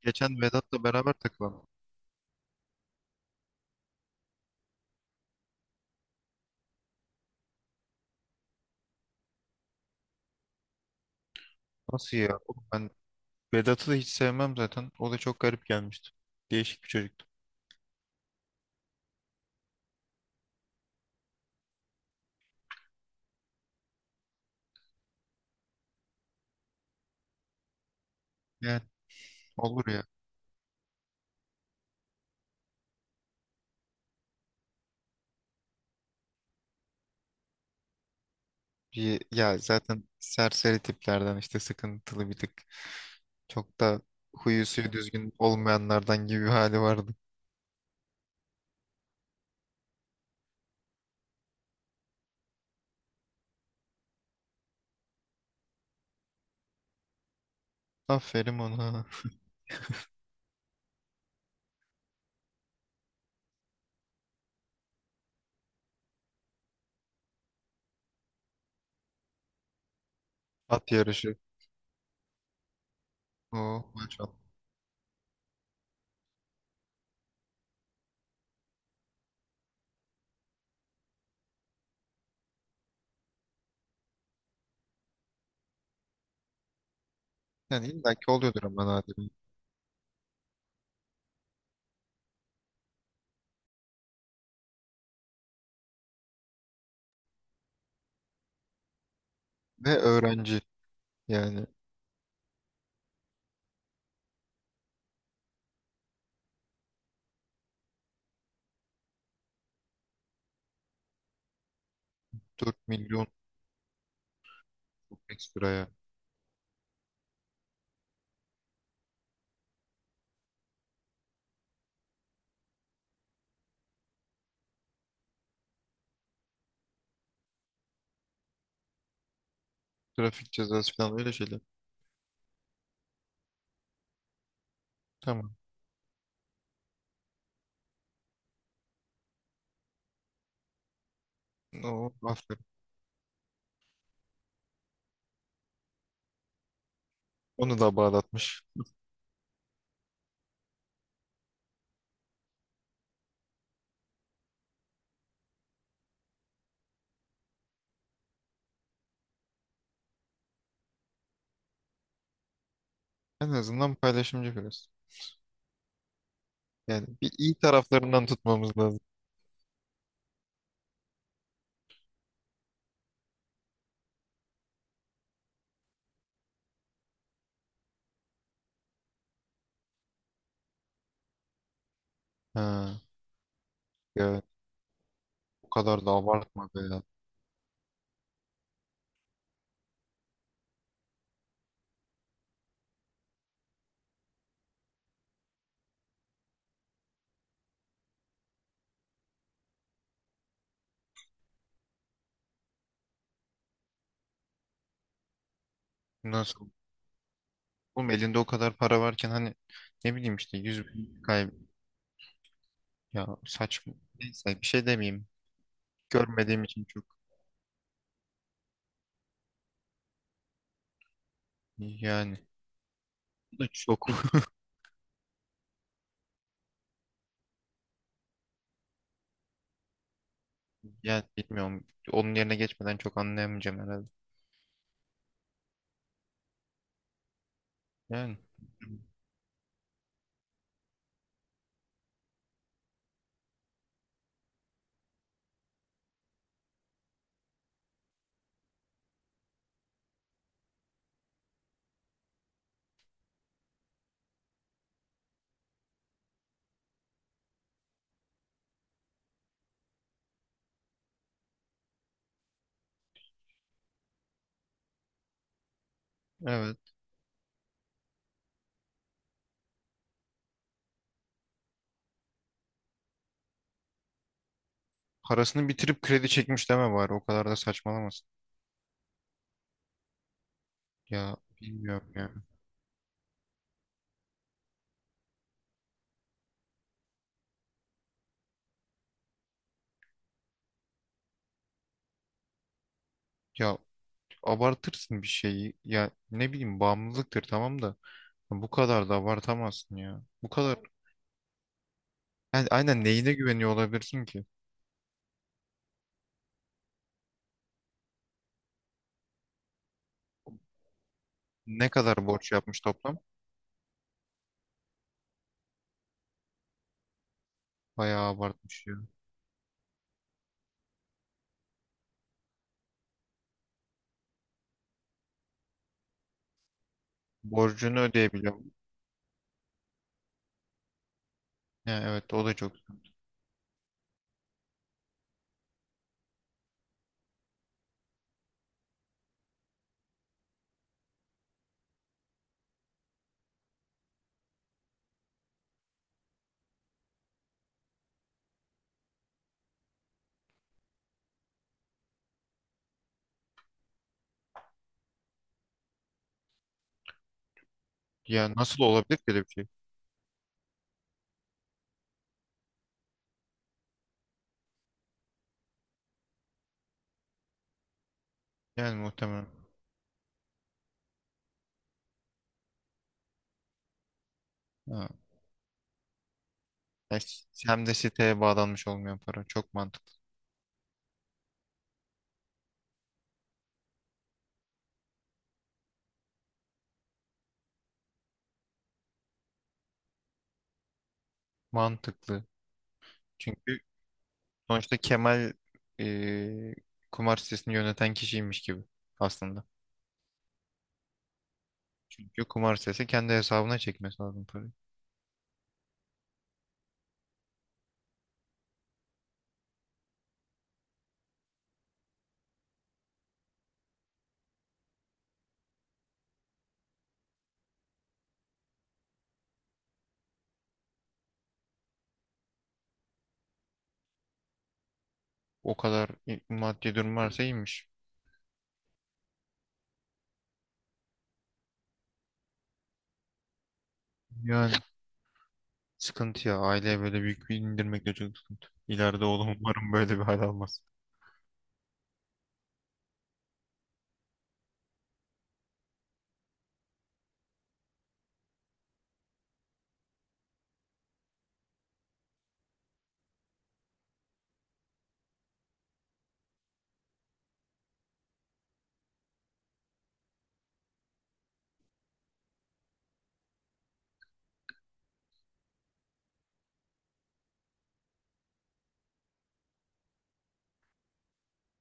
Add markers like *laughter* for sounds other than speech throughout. Geçen Vedat'la beraber takılan. Nasıl ya? Oğlum ben Vedat'ı da hiç sevmem zaten. O da çok garip gelmişti. Değişik bir çocuktu. Yani olur ya. Bir, ya zaten serseri tiplerden işte sıkıntılı bir tık. Çok da huyu suyu düzgün olmayanlardan gibi bir hali vardı. Aferin ona. At yarışı. Oo, maşallah. Yani illaki oluyordur ama nadir. Ve öğrenci. Yani 4 milyon çok ekstra ya. Trafik cezası falan öyle şeyler. Tamam. O, aferin. Onu da bağlatmış. En azından paylaşımcı biraz. Yani bir iyi taraflarından tutmamız lazım. Ha, ya o kadar da abartma be ya. Nasıl? Oğlum elinde o kadar para varken hani ne bileyim işte 100 bin ya saçma. Neyse bir şey demeyeyim. Görmediğim için çok yani bu da çok *laughs* yani bilmiyorum. Onun yerine geçmeden çok anlayamayacağım herhalde. Yani evet. Parasını bitirip kredi çekmiş deme bari o kadar da saçmalamasın. Ya bilmiyorum ya. Ya abartırsın bir şeyi. Ya ne bileyim bağımlılıktır tamam da bu kadar da abartamazsın ya. Bu kadar yani aynen neyine güveniyor olabilirsin ki? Ne kadar borç yapmış toplam? Bayağı abartmış ya. Borcunu ödeyebiliyor. Yani evet o da çok. Ya nasıl olabilir ki öyle bir şey? Yani muhtemelen. Ha. Ya hem de siteye bağlanmış olmayan para. Çok mantıklı. Mantıklı. Çünkü sonuçta Kemal e, kumar sitesini yöneten kişiymiş gibi aslında. Çünkü kumar sitesi kendi hesabına çekmesi lazım parayı. O kadar maddi durum varsa iyiymiş. Yani sıkıntı ya. Aileye böyle büyük bir indirmek de çok sıkıntı. İleride oğlum umarım böyle bir hal almaz.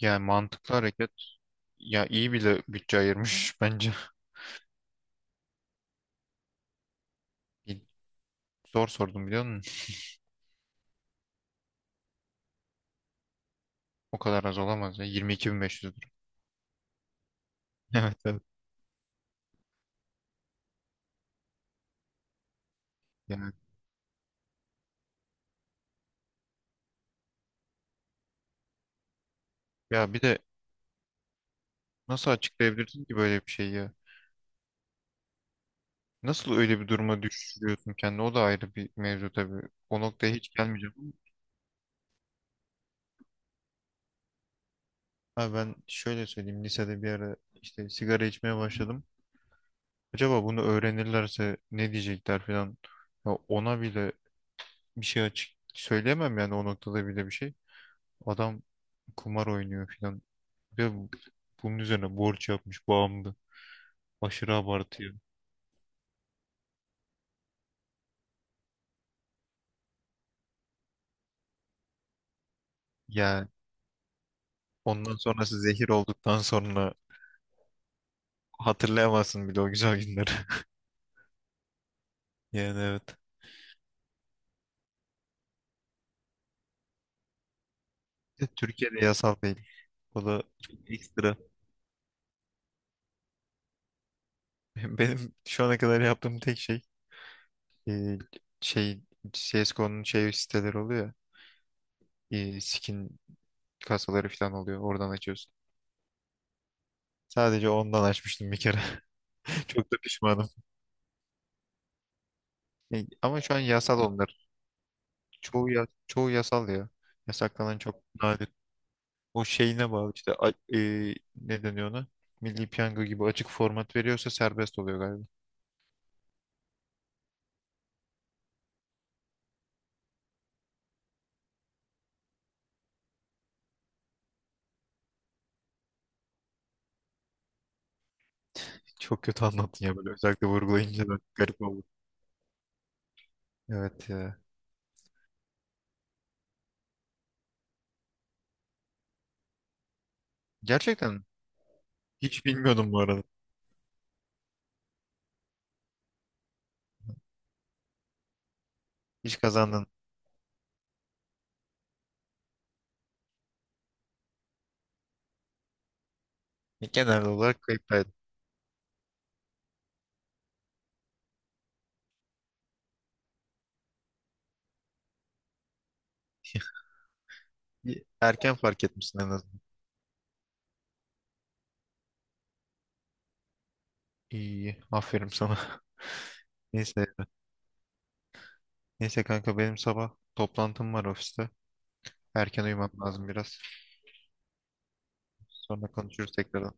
Yani mantıklı hareket. Ya iyi bile bütçe ayırmış *laughs* bence. İyi. Zor sordum biliyor musun? O kadar az olamaz ya. 22.500 lira. *laughs* Evet, evet. Yani ya bir de nasıl açıklayabilirsin ki böyle bir şeyi ya? Nasıl öyle bir duruma düşürüyorsun kendini? O da ayrı bir mevzu tabii. O noktaya hiç gelmeyeceğim. Abi ben şöyle söyleyeyim. Lisede bir ara işte sigara içmeye başladım. Acaba bunu öğrenirlerse ne diyecekler falan. Ya ona bile bir şey açık söyleyemem yani o noktada bile bir şey. Adam kumar oynuyor falan. Ve bunun üzerine borç yapmış bağımlı. Aşırı abartıyor. Yani ondan sonrası zehir olduktan sonra hatırlayamazsın bile o güzel günleri. *laughs* Yani evet. Bir de Türkiye'de yasal değil. O da çok ekstra. *laughs* Benim şu ana kadar yaptığım tek şey e, şey CSGO'nun şey siteleri oluyor ya, skin kasaları falan oluyor. Oradan açıyorsun. Sadece ondan açmıştım bir kere. *laughs* Çok da pişmanım. Ama şu an yasal onlar. Çoğu ya, çoğu yasal ya. Yasaklanan çok nadir. O şeyine bağlı işte ne deniyor ona? Milli Piyango gibi açık format veriyorsa serbest oluyor galiba. Çok kötü anlattın ya böyle özellikle vurgulayınca da garip oldu. Evet ya. Gerçekten hiç bilmiyordum bu arada. Hiç kazandın. Genel olarak kayıptaydın. İyi, erken fark etmişsin en azından. İyi, iyi. Aferin sana. *laughs* Neyse. Neyse kanka benim sabah toplantım var ofiste. Erken uyumam lazım biraz. Sonra konuşuruz tekrar.